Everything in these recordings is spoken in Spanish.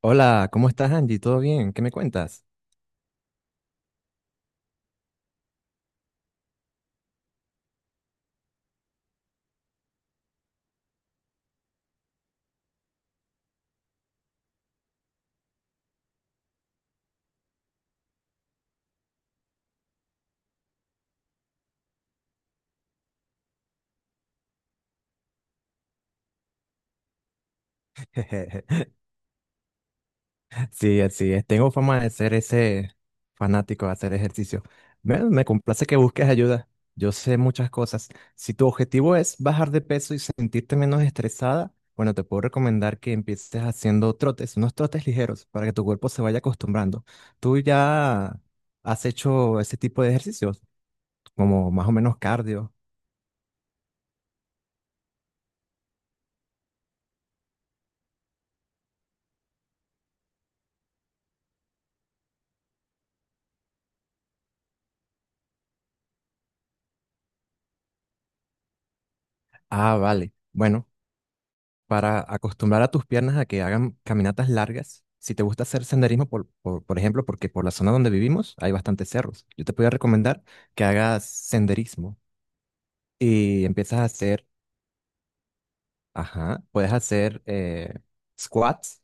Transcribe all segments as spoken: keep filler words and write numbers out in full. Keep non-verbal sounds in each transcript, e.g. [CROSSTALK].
Hola, ¿cómo estás, Angie? ¿Todo bien? ¿Qué me cuentas? [LAUGHS] Sí, así es. Tengo fama de ser ese fanático de hacer ejercicio. Me, me complace que busques ayuda. Yo sé muchas cosas. Si tu objetivo es bajar de peso y sentirte menos estresada, bueno, te puedo recomendar que empieces haciendo trotes, unos trotes ligeros, para que tu cuerpo se vaya acostumbrando. ¿Tú ya has hecho ese tipo de ejercicios, como más o menos cardio? Ah, vale. Bueno, para acostumbrar a tus piernas a que hagan caminatas largas. Si te gusta hacer senderismo, por, por, por ejemplo, porque por la zona donde vivimos hay bastantes cerros, yo te podría recomendar que hagas senderismo y empiezas a hacer, ajá, puedes hacer eh, squats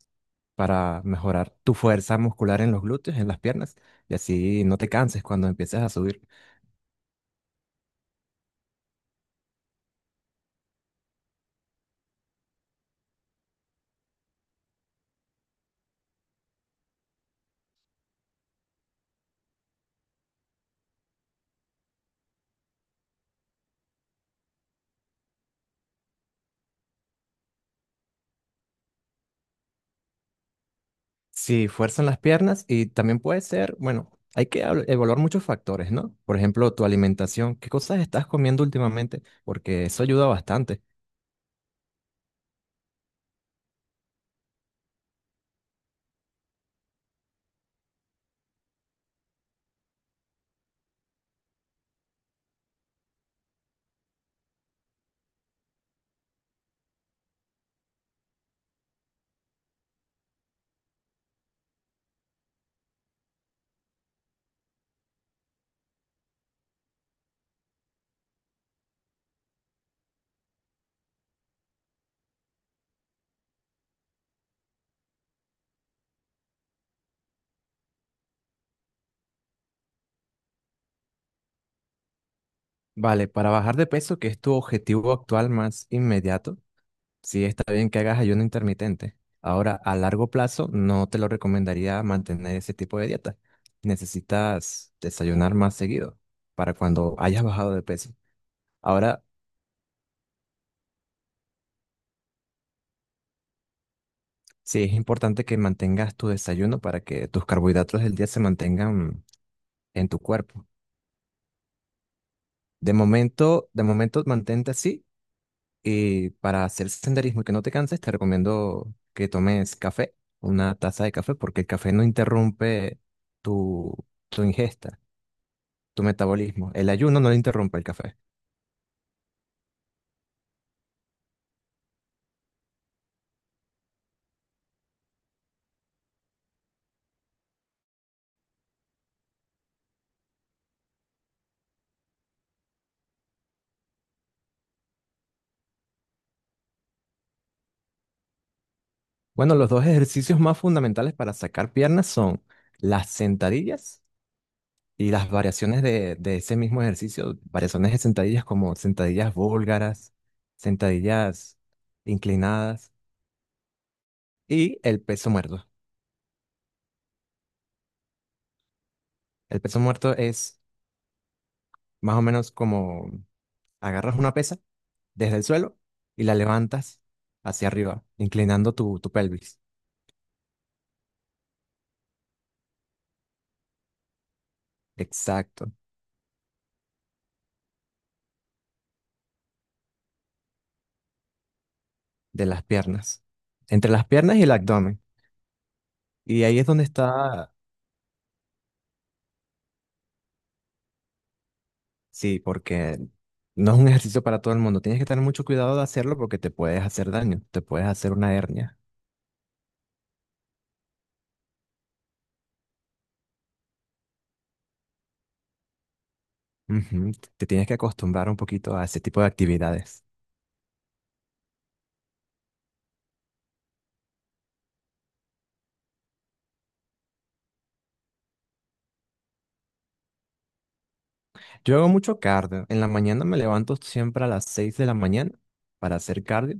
para mejorar tu fuerza muscular en los glúteos, en las piernas, y así no te canses cuando empieces a subir. Sí, fuerzan las piernas y también puede ser, bueno, hay que habl- evaluar muchos factores, ¿no? Por ejemplo, tu alimentación, ¿qué cosas estás comiendo últimamente? Porque eso ayuda bastante. Vale, para bajar de peso, que es tu objetivo actual más inmediato, sí está bien que hagas ayuno intermitente. Ahora, a largo plazo, no te lo recomendaría mantener ese tipo de dieta. Necesitas desayunar más seguido para cuando hayas bajado de peso. Ahora, sí, es importante que mantengas tu desayuno para que tus carbohidratos del día se mantengan en tu cuerpo. De momento, de momento mantente así y para hacer senderismo y que no te canses, te recomiendo que tomes café, una taza de café, porque el café no interrumpe tu, tu ingesta, tu metabolismo. El ayuno no lo interrumpe el café. Bueno, los dos ejercicios más fundamentales para sacar piernas son las sentadillas y las variaciones de, de ese mismo ejercicio, variaciones de sentadillas como sentadillas búlgaras, sentadillas inclinadas y el peso muerto. El peso muerto es más o menos como agarras una pesa desde el suelo y la levantas hacia arriba, inclinando tu, tu pelvis. Exacto, de las piernas. Entre las piernas y el abdomen. Y ahí es donde está. Sí, porque no es un ejercicio para todo el mundo. Tienes que tener mucho cuidado de hacerlo porque te puedes hacer daño, te puedes hacer una hernia. Ujú, te tienes que acostumbrar un poquito a ese tipo de actividades. Yo hago mucho cardio. En la mañana me levanto siempre a las seis de la mañana para hacer cardio.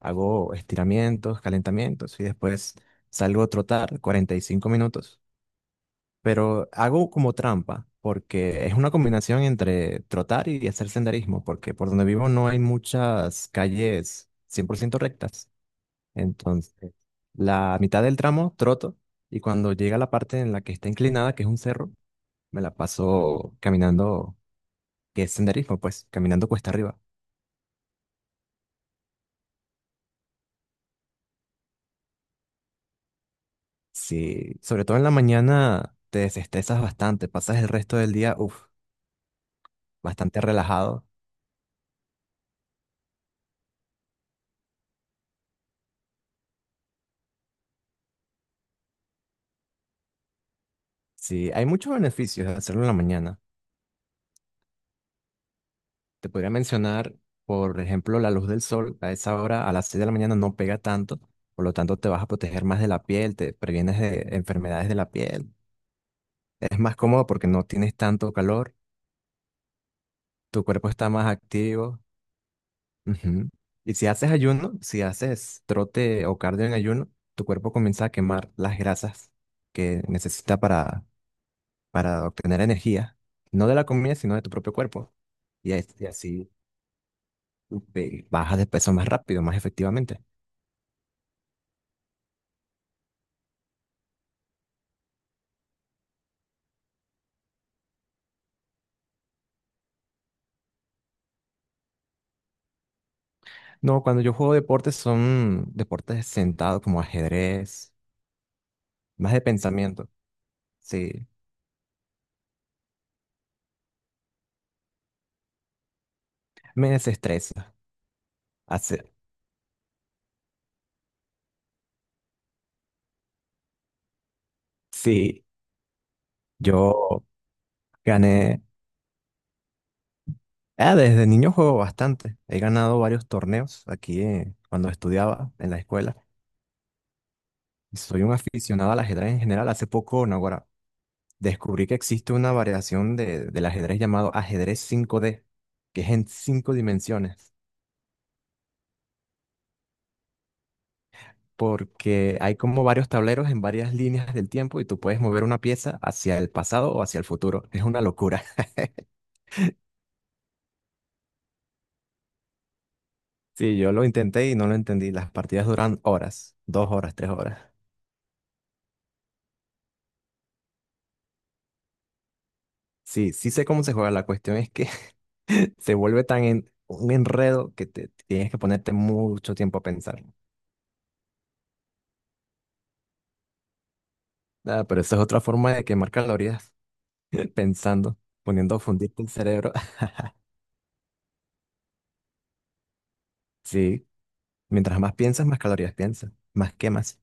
Hago estiramientos, calentamientos y después salgo a trotar cuarenta y cinco minutos, pero hago como trampa, porque es una combinación entre trotar y hacer senderismo, porque por donde vivo no hay muchas calles cien por ciento rectas. Entonces, la mitad del tramo troto y cuando llega la parte en la que está inclinada, que es un cerro, me la paso caminando, que es senderismo, pues, caminando cuesta arriba. Sí, sobre todo en la mañana te desestresas bastante, pasas el resto del día, uff, bastante relajado. Sí, hay muchos beneficios de hacerlo en la mañana. Te podría mencionar, por ejemplo, la luz del sol a esa hora, a las seis de la mañana, no pega tanto, por lo tanto te vas a proteger más de la piel, te previenes de enfermedades de la piel. Es más cómodo porque no tienes tanto calor, tu cuerpo está más activo. Ujú. Y si haces ayuno, si haces trote o cardio en ayuno, tu cuerpo comienza a quemar las grasas que necesita para, para obtener energía, no de la comida, sino de tu propio cuerpo. Y, es- y así eh, bajas de peso más rápido, más efectivamente. No, cuando yo juego deportes son deportes sentados como ajedrez, más de pensamiento. Sí, me desestresa. Hace, sí, yo gané. Ah, desde niño juego bastante. He ganado varios torneos aquí eh, cuando estudiaba en la escuela. Y soy un aficionado al ajedrez en general. Hace poco, no, ahora descubrí que existe una variación de, del ajedrez llamado ajedrez cinco D, que es en cinco dimensiones, porque hay como varios tableros en varias líneas del tiempo y tú puedes mover una pieza hacia el pasado o hacia el futuro. Es una locura. [LAUGHS] Sí, yo lo intenté y no lo entendí. Las partidas duran horas, dos horas, tres horas. Sí, sí sé cómo se juega. La cuestión es que [LAUGHS] se vuelve tan en- un enredo que te tienes que ponerte mucho tiempo a pensar. Ah, pero esa es otra forma de quemar calorías, [LAUGHS] pensando, poniendo a fundirte el cerebro. [LAUGHS] Sí, mientras más piensas, más calorías piensas, más quemas.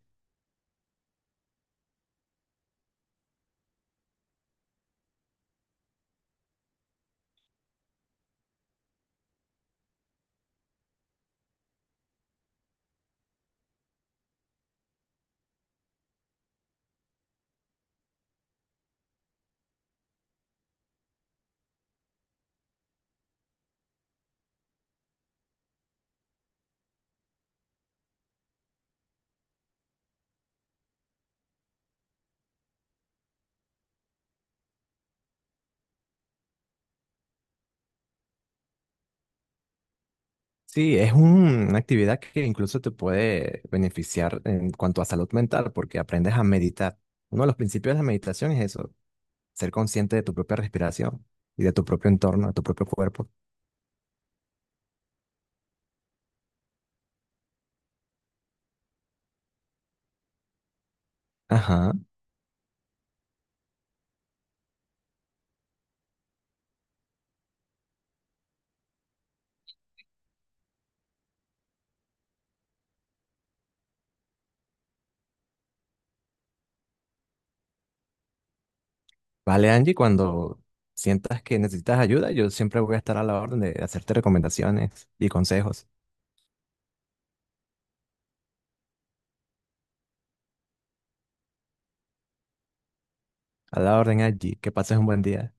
Sí, es un- una actividad que incluso te puede beneficiar en cuanto a salud mental, porque aprendes a meditar. Uno de los principios de la meditación es eso, ser consciente de tu propia respiración y de tu propio entorno, de tu propio cuerpo. Ajá. Vale, Angie, cuando sientas que necesitas ayuda, yo siempre voy a estar a la orden de hacerte recomendaciones y consejos. A la orden, Angie, que pases un buen día.